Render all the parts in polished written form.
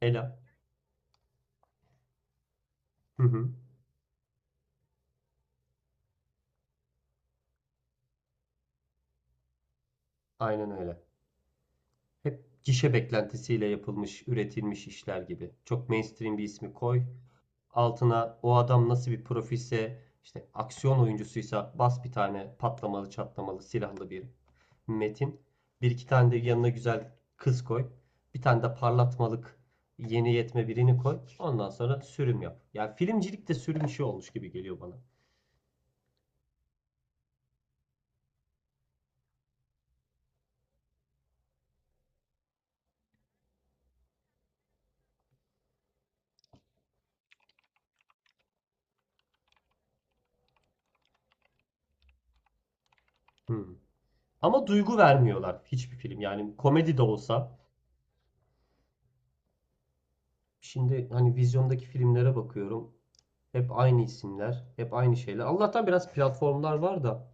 Ela. Hı hı. Aynen öyle. Hep gişe beklentisiyle yapılmış, üretilmiş işler gibi. Çok mainstream bir ismi koy. Altına o adam nasıl bir profilse, işte aksiyon oyuncusuysa bas bir tane patlamalı, çatlamalı, silahlı bir metin. Bir iki tane de yanına güzel kız koy. Bir tane de parlatmalık yeni yetme birini koy. Ondan sonra sürüm yap. Yani filmcilik de sürüm işi olmuş gibi geliyor bana. Hı. Ama duygu vermiyorlar hiçbir film. Yani komedi de olsa. Şimdi hani vizyondaki filmlere bakıyorum. Hep aynı isimler, hep aynı şeyler. Allah'tan biraz platformlar var da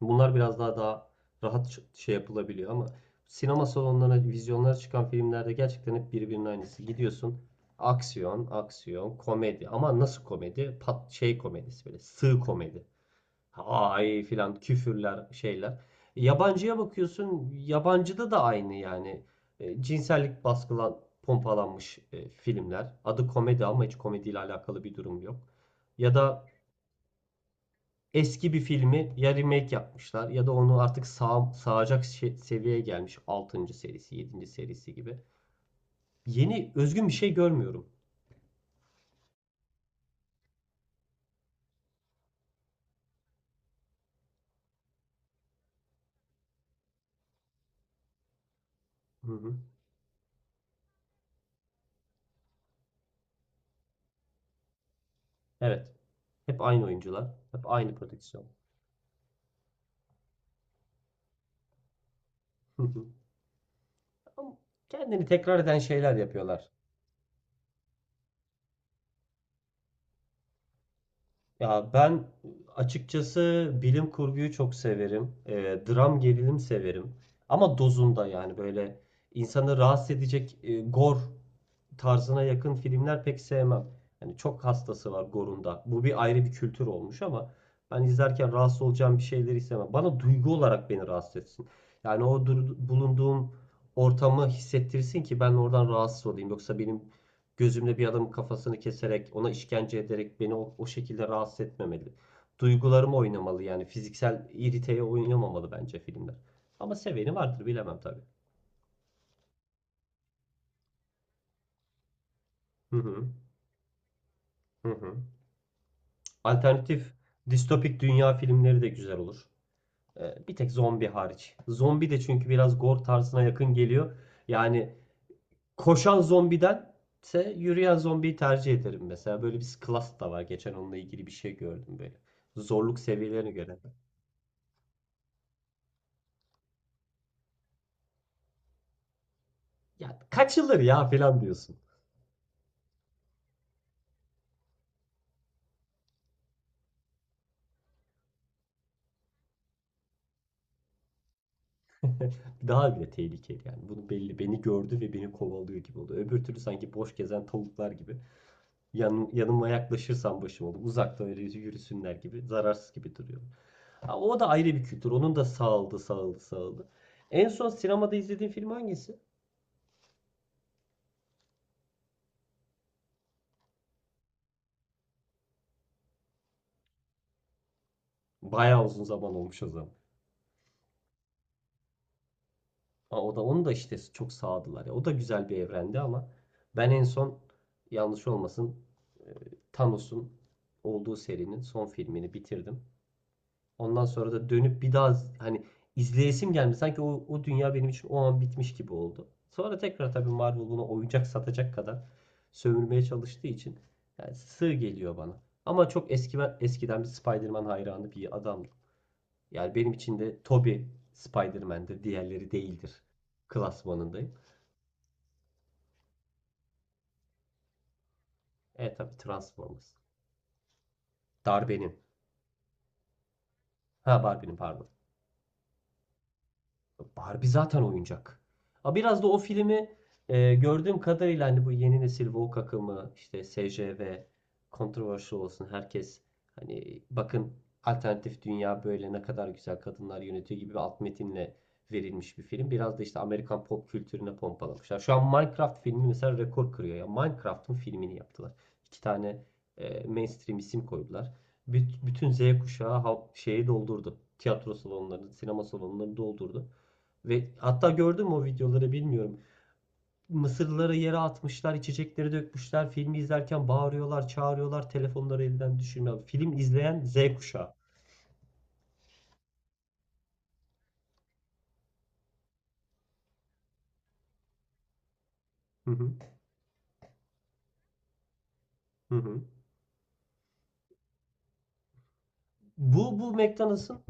bunlar biraz daha rahat şey yapılabiliyor ama sinema salonlarına, vizyonlara çıkan filmlerde gerçekten hep birbirinin aynısı. Gidiyorsun aksiyon, aksiyon, komedi ama nasıl komedi? Pat şey komedisi böyle sığ komedi. Ay filan küfürler şeyler. Yabancıya bakıyorsun yabancıda da aynı yani. Cinsellik baskılan pompalanmış filmler. Adı komedi ama hiç komediyle alakalı bir durum yok. Ya da eski bir filmi ya remake yapmışlar ya da onu artık sağacak seviyeye gelmiş 6. serisi yedinci serisi gibi. Yeni özgün bir şey görmüyorum. Hı hı. Evet. Hep aynı oyuncular. Hep aynı prodüksiyon. Hı hı. Ama kendini tekrar eden şeyler yapıyorlar. Ya ben açıkçası bilim kurguyu çok severim. Dram gerilim severim. Ama dozunda yani böyle insanı rahatsız edecek gor tarzına yakın filmler pek sevmem. Yani çok hastası var Gore'unda. Bu bir ayrı bir kültür olmuş ama ben izlerken rahatsız olacağım bir şeyleri istemem. Bana duygu olarak beni rahatsız etsin. Yani bulunduğum ortamı hissettirsin ki ben oradan rahatsız olayım. Yoksa benim gözümle bir adamın kafasını keserek, ona işkence ederek beni o şekilde rahatsız etmemeli. Duygularım oynamalı yani fiziksel iriteye oynamamalı bence filmler. Ama seveni vardır bilemem tabii. Hı hı. Hı hı. Alternatif distopik dünya filmleri de güzel olur. Bir tek zombi hariç. Zombi de çünkü biraz gore tarzına yakın geliyor. Yani koşan zombidense yürüyen zombiyi tercih ederim mesela. Böyle bir class da var. Geçen onunla ilgili bir şey gördüm böyle. Zorluk seviyelerine göre. Ya kaçılır ya falan diyorsun. Daha bile tehlikeli yani. Bunu belli beni gördü ve beni kovalıyor gibi oldu. Öbür türlü sanki boş gezen tavuklar gibi. Yanıma yaklaşırsam başım olur. Uzakta öyle yürüsünler gibi. Zararsız gibi duruyor. Ha, o da ayrı bir kültür. Onun da sağladı, sağladı, sağladı. En son sinemada izlediğin film hangisi? Bayağı uzun zaman olmuş o zaman. Ha, o da onu da işte çok sağladılar ya. O da güzel bir evrendi ama ben en son yanlış olmasın e, Thanos'un olduğu serinin son filmini bitirdim. Ondan sonra da dönüp bir daha hani izleyesim gelmedi. Sanki o dünya benim için o an bitmiş gibi oldu. Sonra tekrar tabii Marvel buna oyuncak satacak kadar sömürmeye çalıştığı için yani sığ geliyor bana. Ama çok eski eskiden bir Spider-Man hayranı bir adamdım. Yani benim için de Tobey Spider-Man'dir, diğerleri değildir klasmanındayım. Evet tabii Transformers. Darbenim. Ha, Barbie'nin pardon. Barbie zaten oyuncak. Ha biraz da o filmi gördüğüm kadarıyla hani bu yeni nesil woke akımı işte SJV controversial olsun herkes, hani bakın alternatif dünya böyle ne kadar güzel kadınlar yönetiyor gibi bir alt metinle verilmiş bir film. Biraz da işte Amerikan pop kültürüne pompalamışlar. Şu an Minecraft filmi mesela rekor kırıyor ya. Minecraft'ın filmini yaptılar. İki tane mainstream isim koydular. Bütün Z kuşağı şeyi doldurdu. Tiyatro salonlarını, sinema salonlarını doldurdu. Ve hatta gördüm o videoları bilmiyorum. Mısırlıları yere atmışlar, içecekleri dökmüşler. Filmi izlerken bağırıyorlar, çağırıyorlar, telefonları elden düşürmüyor. Film izleyen Z kuşağı. Hı hı, hı hı. Bu McDonald's'ın,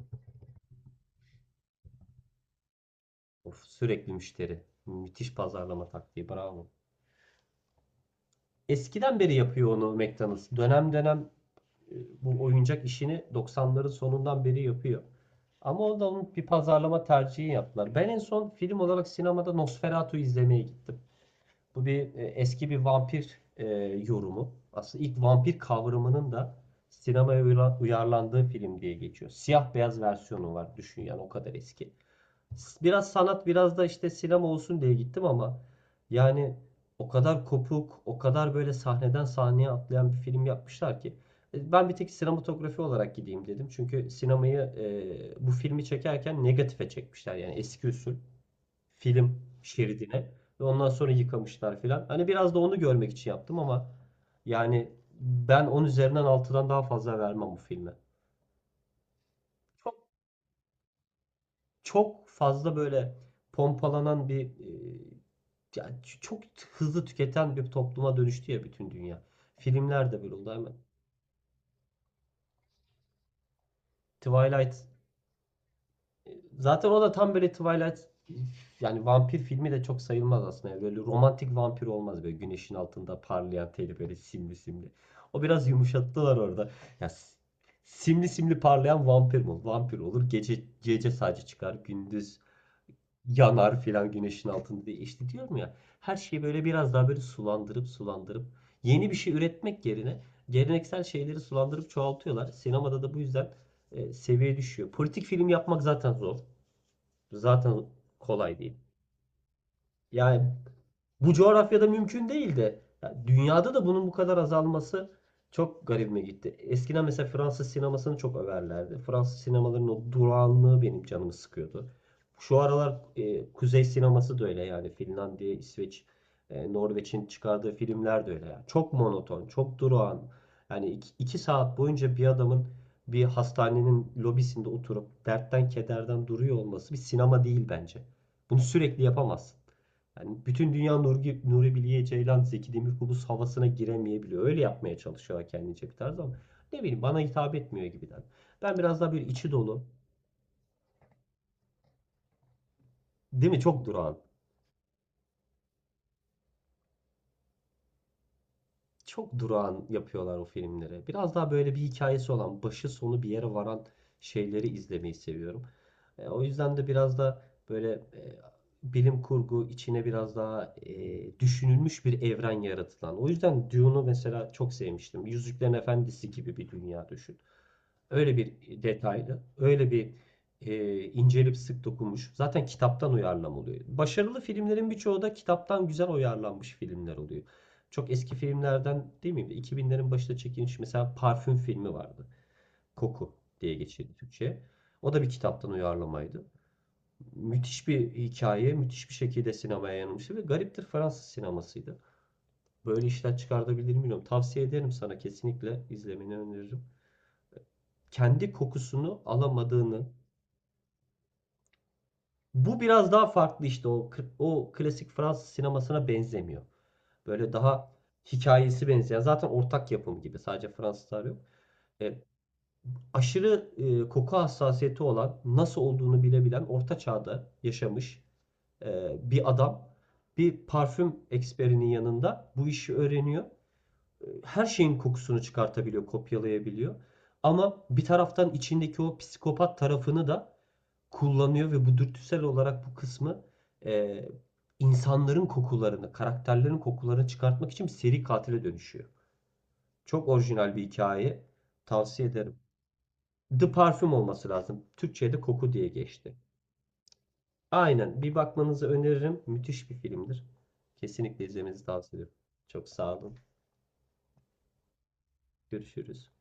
of, sürekli müşteri. Müthiş pazarlama taktiği, bravo. Eskiden beri yapıyor onu McDonald's. Dönem dönem e, bu oyuncak işini 90'ların sonundan beri yapıyor. Ama o da onun bir pazarlama tercihi yaptılar. Ben en son film olarak sinemada Nosferatu izlemeye gittim. Bu bir eski bir vampir yorumu. Aslında ilk vampir kavramının da sinemaya uyarlandığı film diye geçiyor. Siyah beyaz versiyonu var düşün yani o kadar eski. Biraz sanat biraz da işte sinema olsun diye gittim ama yani o kadar kopuk, o kadar böyle sahneden sahneye atlayan bir film yapmışlar ki. Ben bir tek sinematografi olarak gideyim dedim. Çünkü sinemayı bu filmi çekerken negatife çekmişler yani eski usul film şeridine ve ondan sonra yıkamışlar filan. Hani biraz da onu görmek için yaptım ama yani ben 10 üzerinden 6'dan daha fazla vermem bu filme. Çok çok fazla böyle pompalanan bir yani çok hızlı tüketen bir topluma dönüştü ya bütün dünya. Filmler de böyle oldu hemen. Twilight. Zaten o da tam böyle Twilight, yani vampir filmi de çok sayılmaz aslında. Yani böyle romantik vampir olmaz böyle güneşin altında parlayan teli böyle simli simli. O biraz yumuşattılar orada. Ya simli simli parlayan vampir mi olur? Vampir olur. Gece gece sadece çıkar, gündüz yanar filan güneşin altında diye. İşte diyorum ya, her şeyi böyle biraz daha böyle sulandırıp sulandırıp yeni bir şey üretmek yerine geleneksel şeyleri sulandırıp çoğaltıyorlar. Sinemada da bu yüzden seviye düşüyor. Politik film yapmak zaten zor. Zaten kolay değil. Yani bu coğrafyada mümkün değildi. Ya dünyada da bunun bu kadar azalması çok garibime gitti. Eskiden mesela Fransız sinemasını çok överlerdi. Fransız sinemalarının o durağanlığı benim canımı sıkıyordu. Şu aralar Kuzey sineması da öyle yani Finlandiya, İsveç, Norveç'in çıkardığı filmler de öyle. Yani, çok monoton, çok durağan. Yani iki saat boyunca bir adamın bir hastanenin lobisinde oturup dertten kederden duruyor olması bir sinema değil bence. Bunu sürekli yapamazsın. Yani bütün dünya Nuri Bilge Ceylan, Zeki Demirkubuz havasına giremeyebiliyor. Öyle yapmaya çalışıyorlar kendince bir tarz ama ne bileyim bana hitap etmiyor gibiden. Ben biraz daha böyle içi dolu, değil mi? Çok durağan. Çok durağan yapıyorlar o filmleri. Biraz daha böyle bir hikayesi olan, başı sonu bir yere varan şeyleri izlemeyi seviyorum. O yüzden de biraz da böyle bilim kurgu içine biraz daha düşünülmüş bir evren yaratılan. O yüzden Dune'u mesela çok sevmiştim. Yüzüklerin Efendisi gibi bir dünya düşün. Öyle bir detaylı, öyle bir incelip sık dokunmuş. Zaten kitaptan uyarlama oluyor. Başarılı filmlerin birçoğu da kitaptan güzel uyarlanmış filmler oluyor. Çok eski filmlerden değil mi? 2000'lerin başında çekilmiş mesela Parfüm filmi vardı. Koku diye geçirdi Türkçe'ye. O da bir kitaptan uyarlamaydı. Müthiş bir hikaye, müthiş bir şekilde sinemaya yansımıştı ve gariptir Fransız sinemasıydı. Böyle işler çıkartabilir mi bilmiyorum. Tavsiye ederim sana, kesinlikle izlemeni öneririm. Kendi kokusunu alamadığını. Bu biraz daha farklı işte o klasik Fransız sinemasına benzemiyor. Böyle daha hikayesi benzeyen zaten ortak yapım gibi, sadece Fransızlar yok. E, Aşırı koku hassasiyeti olan nasıl olduğunu bilebilen orta çağda yaşamış bir adam bir parfüm eksperinin yanında bu işi öğreniyor. Her şeyin kokusunu çıkartabiliyor, kopyalayabiliyor. Ama bir taraftan içindeki o psikopat tarafını da kullanıyor ve bu dürtüsel olarak bu kısmı e, insanların kokularını, karakterlerin kokularını çıkartmak için bir seri katile dönüşüyor. Çok orijinal bir hikaye. Tavsiye ederim. The Parfüm olması lazım. Türkçe'de koku diye geçti. Aynen. Bir bakmanızı öneririm. Müthiş bir filmdir. Kesinlikle izlemenizi tavsiye ederim. Çok sağ olun. Görüşürüz.